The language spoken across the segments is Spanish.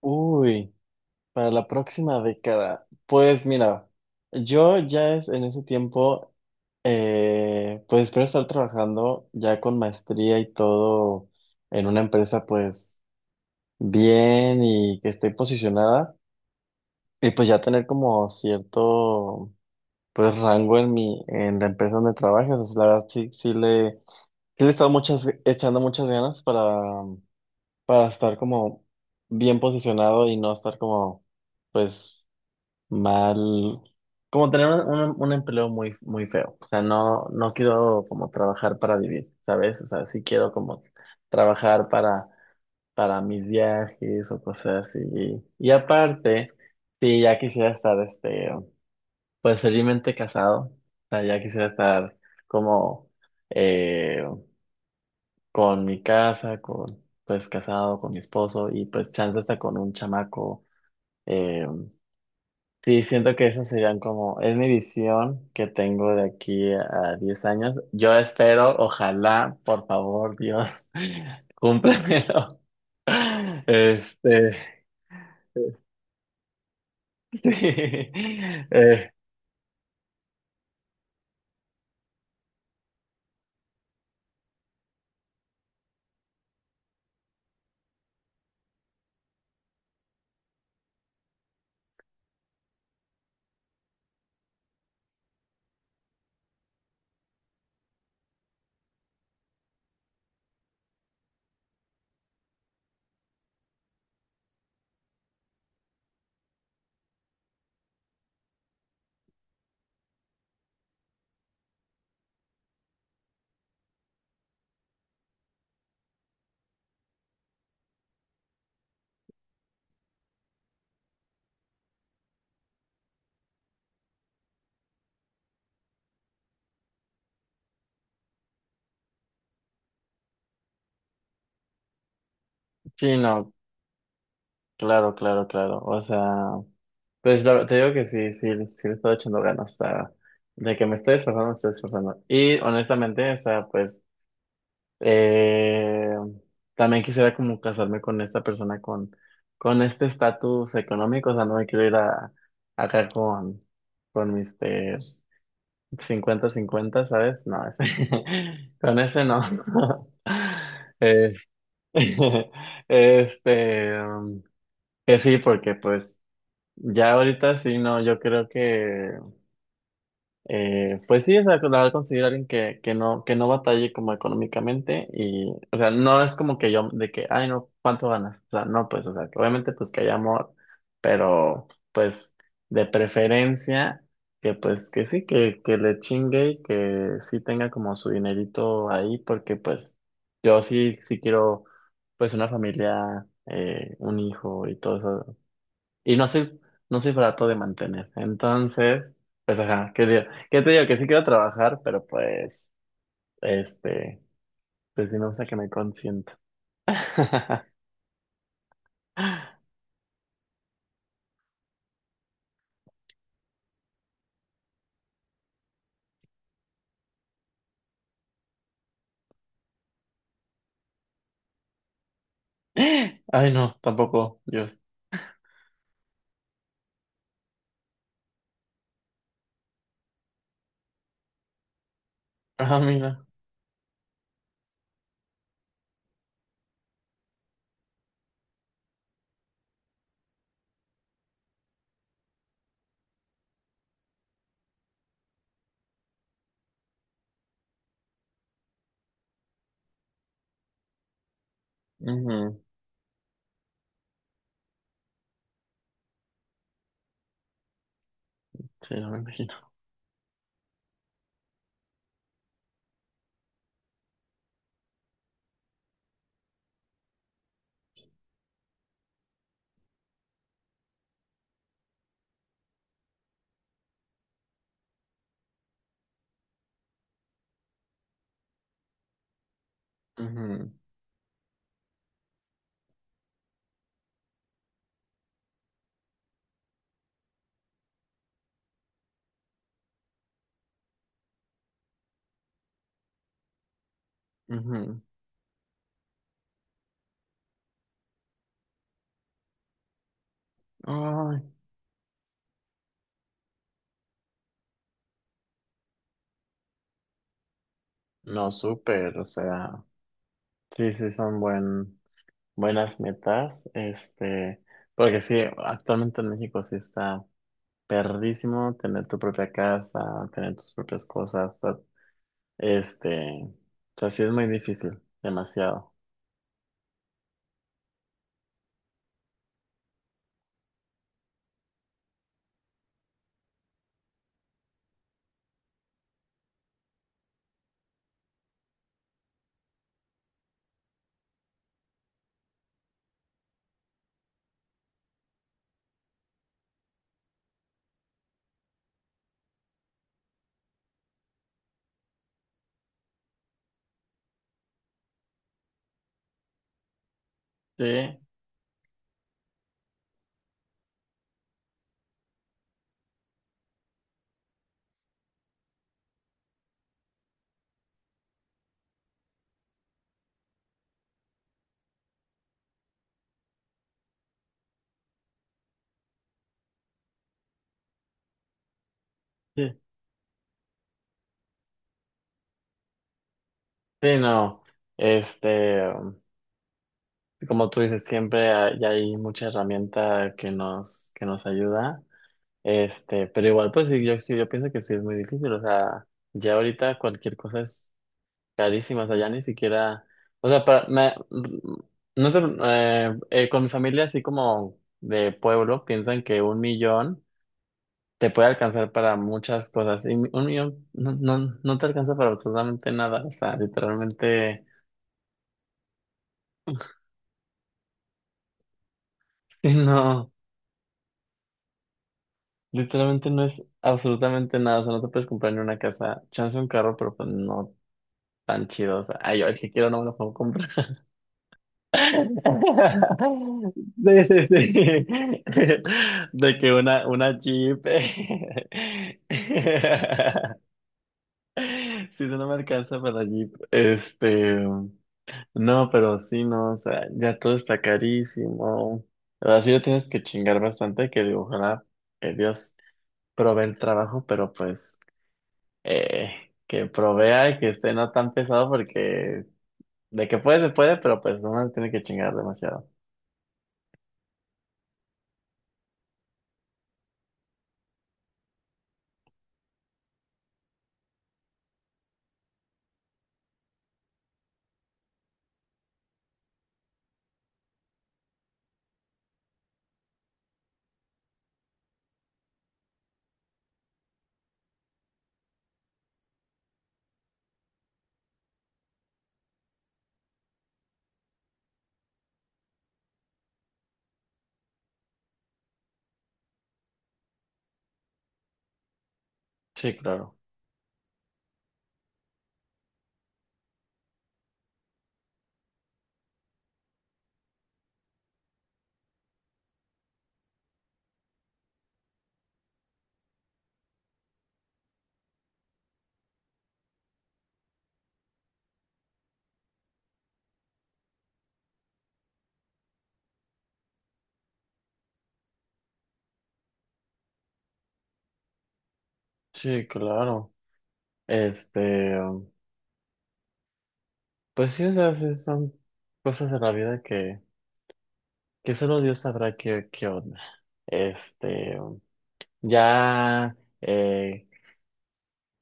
Uy, para la próxima década. Pues mira, yo ya es en ese tiempo, pues espero estar trabajando ya con maestría y todo en una empresa pues bien y que esté posicionada y pues ya tener como cierto pues rango en la empresa donde trabajas. O sea, la verdad sí, sí le he estado echando muchas ganas para estar como bien posicionado y no estar como pues mal, como tener un empleo muy, muy feo. O sea, no, no quiero como trabajar para vivir, ¿sabes? O sea, sí quiero como trabajar para mis viajes o cosas así. Y aparte, sí, ya quisiera estar, pues felizmente casado. O sea, ya quisiera estar como eh, con mi casa, pues casado, con mi esposo y pues chance hasta con un chamaco. eh, Sí, siento que esas serían como, es mi visión que tengo de aquí a 10 años. Yo espero, ojalá, por favor, Dios, cúmplemelo. Este, sí, eh, sí, no, claro, claro, claro. O sea, pues te digo que sí, sí, sí le estoy echando ganas, o sea, de que me estoy esforzando, me estoy esforzando. Y honestamente, o sea, pues Eh, también quisiera como casarme con esta persona con este estatus económico, o sea, no me quiero ir acá con mis cincuenta 50 ¿sabes? No, con ese no. Eh, Este, um, que sí, porque pues ya ahorita sí, no, yo creo que pues sí, o sea, la verdad conseguir a alguien que no batalle como económicamente y, o sea, no es como que yo, de que, ay, no, ¿cuánto ganas? O sea, no, pues, o sea, que obviamente pues que haya amor, pero pues de preferencia que pues que sí, que le chingue y que sí tenga como su dinerito ahí, porque pues yo sí, sí quiero pues una familia, un hijo y todo eso, y no soy, no soy barato de mantener. Entonces, pues ajá, ¿qué digo? ¿Qué te digo? Que sí quiero trabajar, pero pues, este, pues sí me gusta que me consienta. Ay, no, tampoco, Dios. Ah, mira. Ujú, sí, no me imagino. Ujú, ujú. Ay, no, súper, o sea, sí, sí, son buen, buenas metas, porque sí, actualmente en México sí está perrísimo tener tu propia casa, tener tus propias cosas, o sea, o sea, sí es muy difícil, demasiado. Sí, sí, sí, no. Este, um, Como tú dices, siempre hay mucha herramienta que nos ayuda. Pero igual, pues sí, yo pienso que sí es muy difícil. O sea, ya ahorita cualquier cosa es carísimas, allá ni siquiera, o sea, para, me- no te- con mi familia así como de pueblo piensan que un millón te puede alcanzar para muchas cosas y un millón no, no, no te alcanza para absolutamente nada, o sea, literalmente, sí, no, literalmente no es absolutamente nada, o sea, no te puedes comprar ni una casa, chance un carro, pero pues no tan chido, o sea, ay, yo el que quiero no me lo puedo comprar. Sí, sí, sí. De que una Jeep. Si no me alcanza para Jeep. No, pero sí, no. O sea, ya todo está carísimo. Así lo tienes que chingar bastante. Que digo, ojalá que Dios provee el trabajo, pero pues. eh, que provea y que esté no tan pesado, porque de que puede, se puede, pero pues uno tiene que chingar demasiado. Sí, claro. Sí, claro. Este, pues sí, o sea, sí son cosas de la vida que solo Dios sabrá qué, qué onda. Este, ya,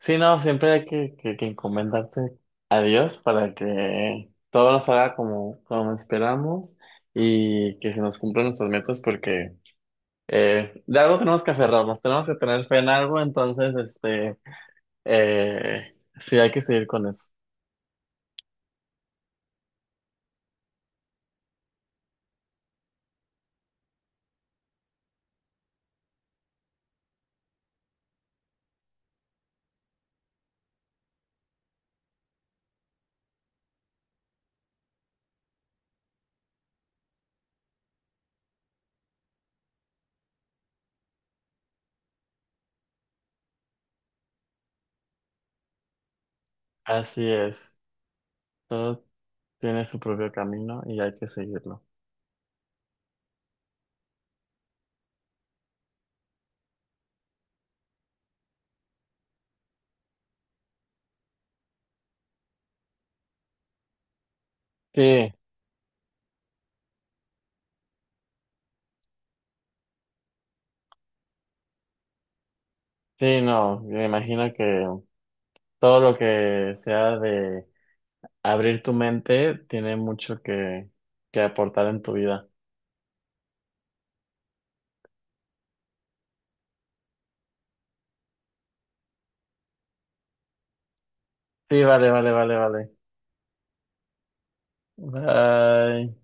sí, no, siempre hay que encomendarte a Dios para que todo nos haga como, como esperamos y que se nos cumplan nuestros metas porque de algo tenemos que aferrarnos, tenemos que tener fe en algo, entonces, eh, sí, hay que seguir con eso. Así es. Todo tiene su propio camino y hay que seguirlo. Sí, sí, no, me imagino que todo lo que sea de abrir tu mente tiene mucho que aportar en tu vida. Sí, vale, vale, vale, vale. Bye.